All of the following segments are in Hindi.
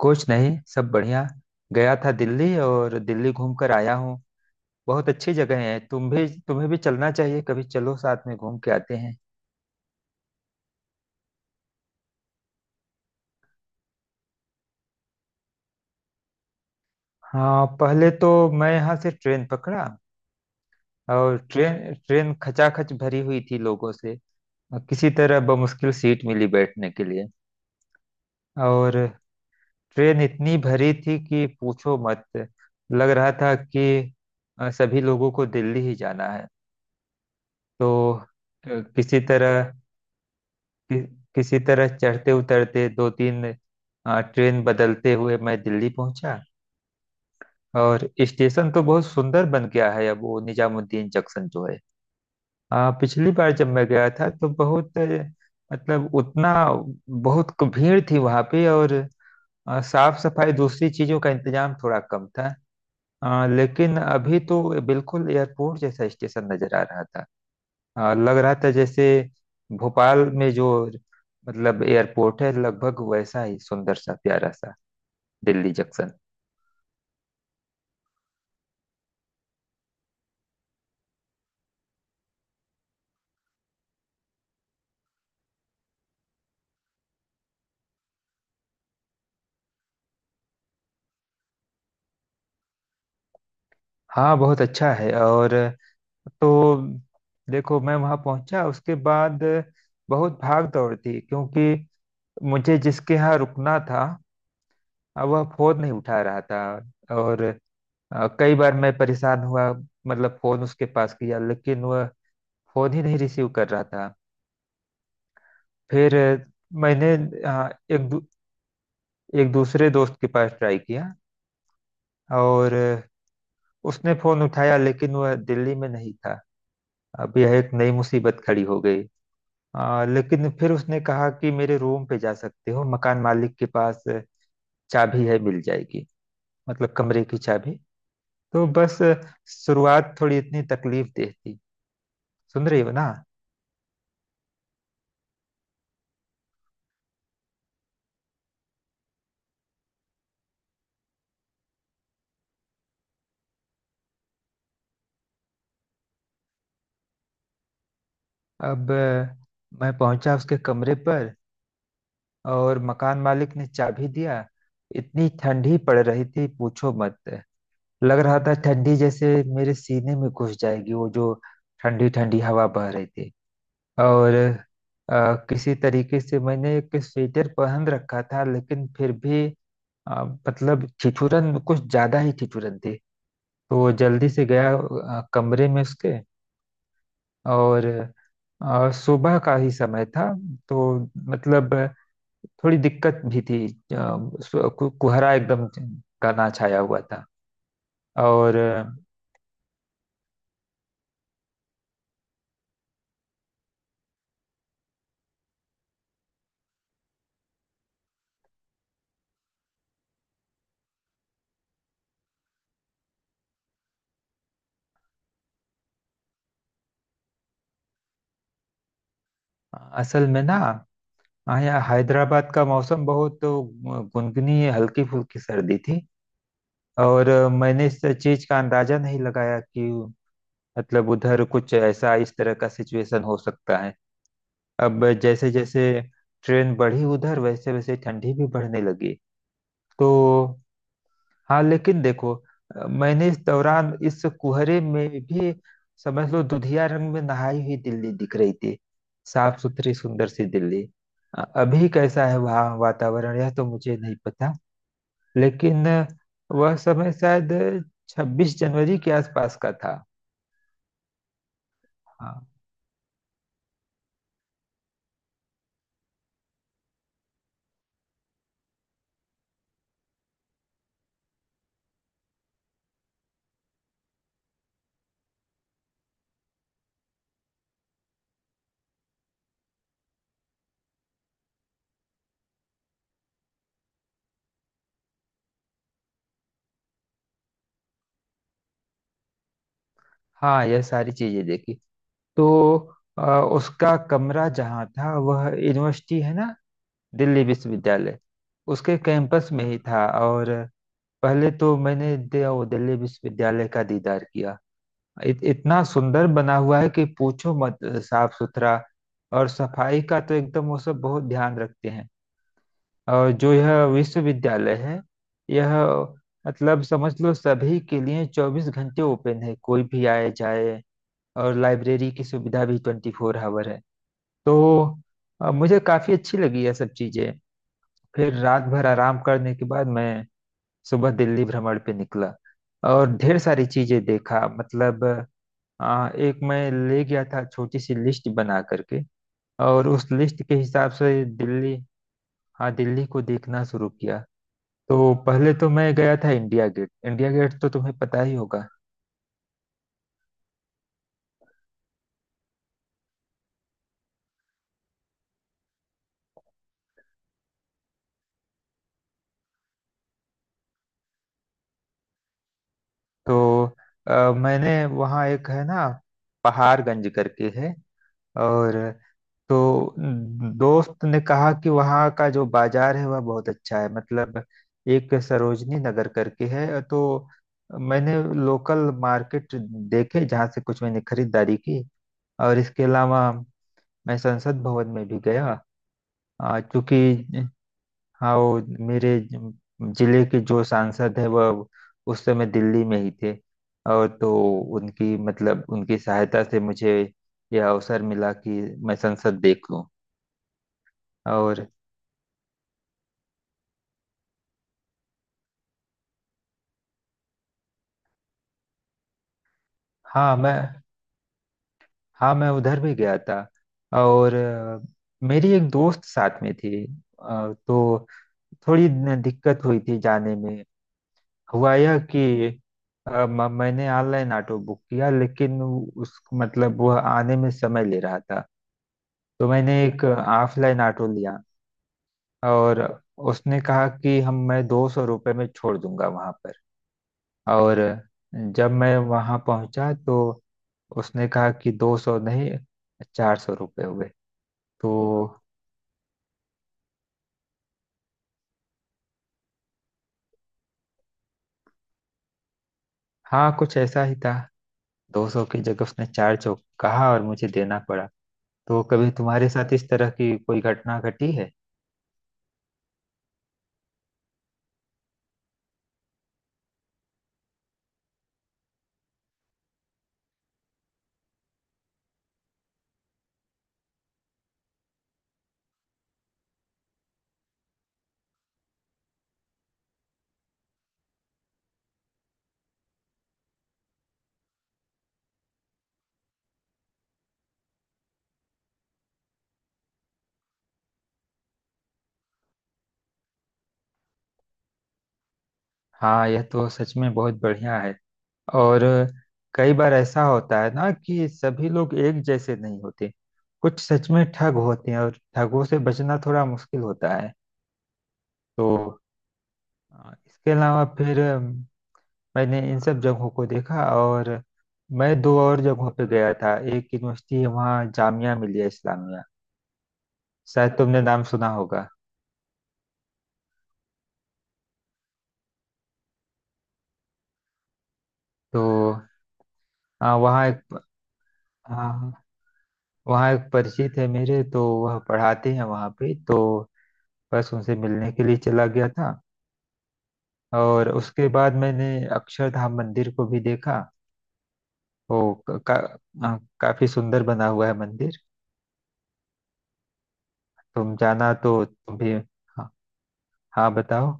कुछ नहीं, सब बढ़िया। गया था दिल्ली और दिल्ली घूम कर आया हूँ। बहुत अच्छी जगह है, तुम भी तुम्हें भी चलना चाहिए, कभी चलो साथ में घूम के आते हैं। हाँ, पहले तो मैं यहाँ से ट्रेन पकड़ा। और ट्रेन ट्रेन खचाखच भरी हुई थी लोगों से। और किसी तरह बमुश्किल सीट मिली बैठने के लिए। और ट्रेन इतनी भरी थी कि पूछो मत। लग रहा था कि सभी लोगों को दिल्ली ही जाना है। तो अ, किसी तरह, कि, किसी तरह चढ़ते उतरते दो तीन ट्रेन बदलते हुए मैं दिल्ली पहुंचा। और स्टेशन तो बहुत सुंदर बन गया है अब, वो निजामुद्दीन जंक्शन जो है। पिछली बार जब मैं गया था तो बहुत मतलब उतना बहुत भीड़ थी वहां पे। और साफ सफाई दूसरी चीजों का इंतजाम थोड़ा कम था। लेकिन अभी तो बिल्कुल एयरपोर्ट जैसा स्टेशन नजर आ रहा था। हाँ, लग रहा था जैसे भोपाल में जो मतलब एयरपोर्ट है, लगभग वैसा ही सुंदर सा प्यारा सा दिल्ली जंक्शन। हाँ, बहुत अच्छा है। और तो देखो, मैं वहाँ पहुँचा उसके बाद बहुत भाग दौड़ थी, क्योंकि मुझे जिसके यहाँ रुकना था अब वह फोन नहीं उठा रहा था। और कई बार मैं परेशान हुआ, मतलब फोन उसके पास किया लेकिन वह फोन ही नहीं रिसीव कर रहा था। फिर मैंने अ, एक दू- एक दूसरे दोस्त के पास ट्राई किया। और उसने फोन उठाया, लेकिन वह दिल्ली में नहीं था। अब यह एक नई मुसीबत खड़ी हो गई। लेकिन फिर उसने कहा कि मेरे रूम पे जा सकते हो, मकान मालिक के पास चाबी है, मिल जाएगी, मतलब कमरे की चाबी। तो बस, शुरुआत थोड़ी इतनी तकलीफ दे थी। सुन रही हो ना। अब मैं पहुंचा उसके कमरे पर और मकान मालिक ने चाबी दिया। इतनी ठंडी पड़ रही थी पूछो मत। लग रहा था ठंडी जैसे मेरे सीने में घुस जाएगी, वो जो ठंडी ठंडी हवा बह रही थी। और किसी तरीके से मैंने एक स्वेटर पहन रखा था लेकिन फिर भी मतलब ठिठुरन, कुछ ज्यादा ही ठिठुरन थी। तो वो जल्दी से गया कमरे में उसके। और सुबह का ही समय था। तो मतलब थोड़ी दिक्कत भी थी। कुहरा एकदम घना छाया हुआ था। और असल में ना, हाँ, यहाँ हैदराबाद का मौसम बहुत तो गुनगुनी हल्की फुल्की सर्दी थी। और मैंने इस चीज का अंदाजा नहीं लगाया कि मतलब उधर कुछ ऐसा इस तरह का सिचुएशन हो सकता है। अब जैसे जैसे ट्रेन बढ़ी उधर वैसे वैसे ठंडी भी बढ़ने लगी। तो हाँ, लेकिन देखो, मैंने इस दौरान इस कुहरे में भी, समझ लो, दुधिया रंग में नहाई हुई दिल्ली दिख रही थी, साफ सुथरी सुंदर सी दिल्ली। अभी कैसा है वहाँ वातावरण, यह तो मुझे नहीं पता। लेकिन वह समय शायद 26 जनवरी के आसपास का था। हाँ। हाँ, यह सारी चीजें देखी। तो अ, उसका कमरा जहाँ था वह यूनिवर्सिटी है ना, दिल्ली विश्वविद्यालय, उसके कैंपस में ही था। और पहले तो मैंने नवोदय विश्वविद्यालय का दीदार किया। इतना सुंदर बना हुआ है कि पूछो मत, साफ सुथरा। और सफाई का तो एकदम वो सब बहुत ध्यान रखते हैं। और जो यह विश्वविद्यालय है, यह मतलब समझ लो सभी के लिए 24 घंटे ओपन है, कोई भी आए जाए। और लाइब्रेरी की सुविधा भी 24 आवर है। तो मुझे काफी अच्छी लगी यह सब चीजें। फिर रात भर आराम करने के बाद मैं सुबह दिल्ली भ्रमण पे निकला। और ढेर सारी चीजें देखा, मतलब एक मैं ले गया था, छोटी सी लिस्ट बना करके। और उस लिस्ट के हिसाब से दिल्ली, हाँ, दिल्ली को देखना शुरू किया। तो पहले तो मैं गया था इंडिया गेट। इंडिया गेट तो तुम्हें पता ही होगा। तो मैंने वहाँ एक है ना, पहाड़गंज करके है। और तो दोस्त ने कहा कि वहाँ का जो बाजार है वह बहुत अच्छा है, मतलब एक सरोजनी नगर करके है। तो मैंने लोकल मार्केट देखे जहाँ से कुछ मैंने खरीदारी की। और इसके अलावा मैं संसद भवन में भी गया। क्योंकि हाँ, वो मेरे ज- जिले के जो सांसद है वह उस समय दिल्ली में ही थे। और तो उनकी, मतलब उनकी सहायता से मुझे यह अवसर मिला कि मैं संसद देख लूं। और हाँ मैं हाँ मैं उधर भी गया था। और मेरी एक दोस्त साथ में थी। तो थोड़ी दिक्कत हुई थी जाने में। हुआ यह कि मैंने ऑनलाइन ऑटो बुक किया, लेकिन उस, मतलब वह आने में समय ले रहा था। तो मैंने एक ऑफलाइन ऑटो लिया। और उसने कहा कि हम मैं 200 रुपये में छोड़ दूंगा वहां पर। और जब मैं वहां पहुंचा तो उसने कहा कि 200 नहीं, 400 रुपये हुए। तो हाँ, कुछ ऐसा ही था। दो सौ की जगह उसने 400 कहा और मुझे देना पड़ा। तो कभी तुम्हारे साथ इस तरह की कोई घटना घटी है? हाँ, यह तो सच में बहुत बढ़िया है। और कई बार ऐसा होता है ना कि सभी लोग एक जैसे नहीं होते, कुछ सच में ठग होते हैं और ठगों से बचना थोड़ा मुश्किल होता है। तो इसके अलावा फिर मैंने इन सब जगहों को देखा। और मैं दो और जगहों पे गया था, एक यूनिवर्सिटी है वहाँ, जामिया मिलिया इस्लामिया, शायद तुमने नाम सुना होगा। तो अ, वहाँ एक हाँ हाँ, वहाँ एक परिचित है मेरे तो, वह पढ़ाते हैं वहाँ पे। तो बस उनसे मिलने के लिए चला गया था। और उसके बाद मैंने अक्षरधाम मंदिर को भी देखा। वो क- का, आ, काफी सुंदर बना हुआ है मंदिर, तुम जाना तो तुम भी। हाँ, हाँ, बताओ।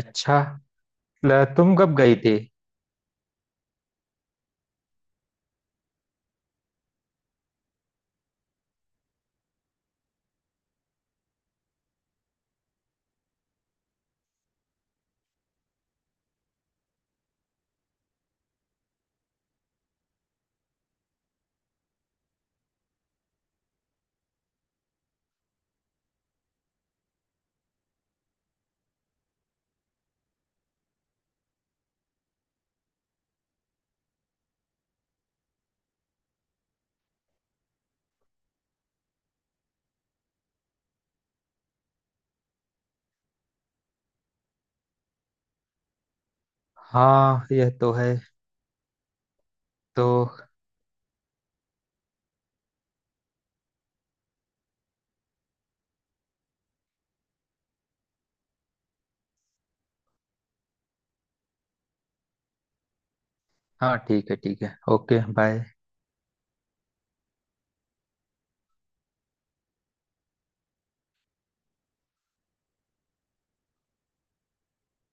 अच्छा, तुम कब गई थी? हाँ, यह तो है। तो हाँ, ठीक है, ठीक है, ओके बाय।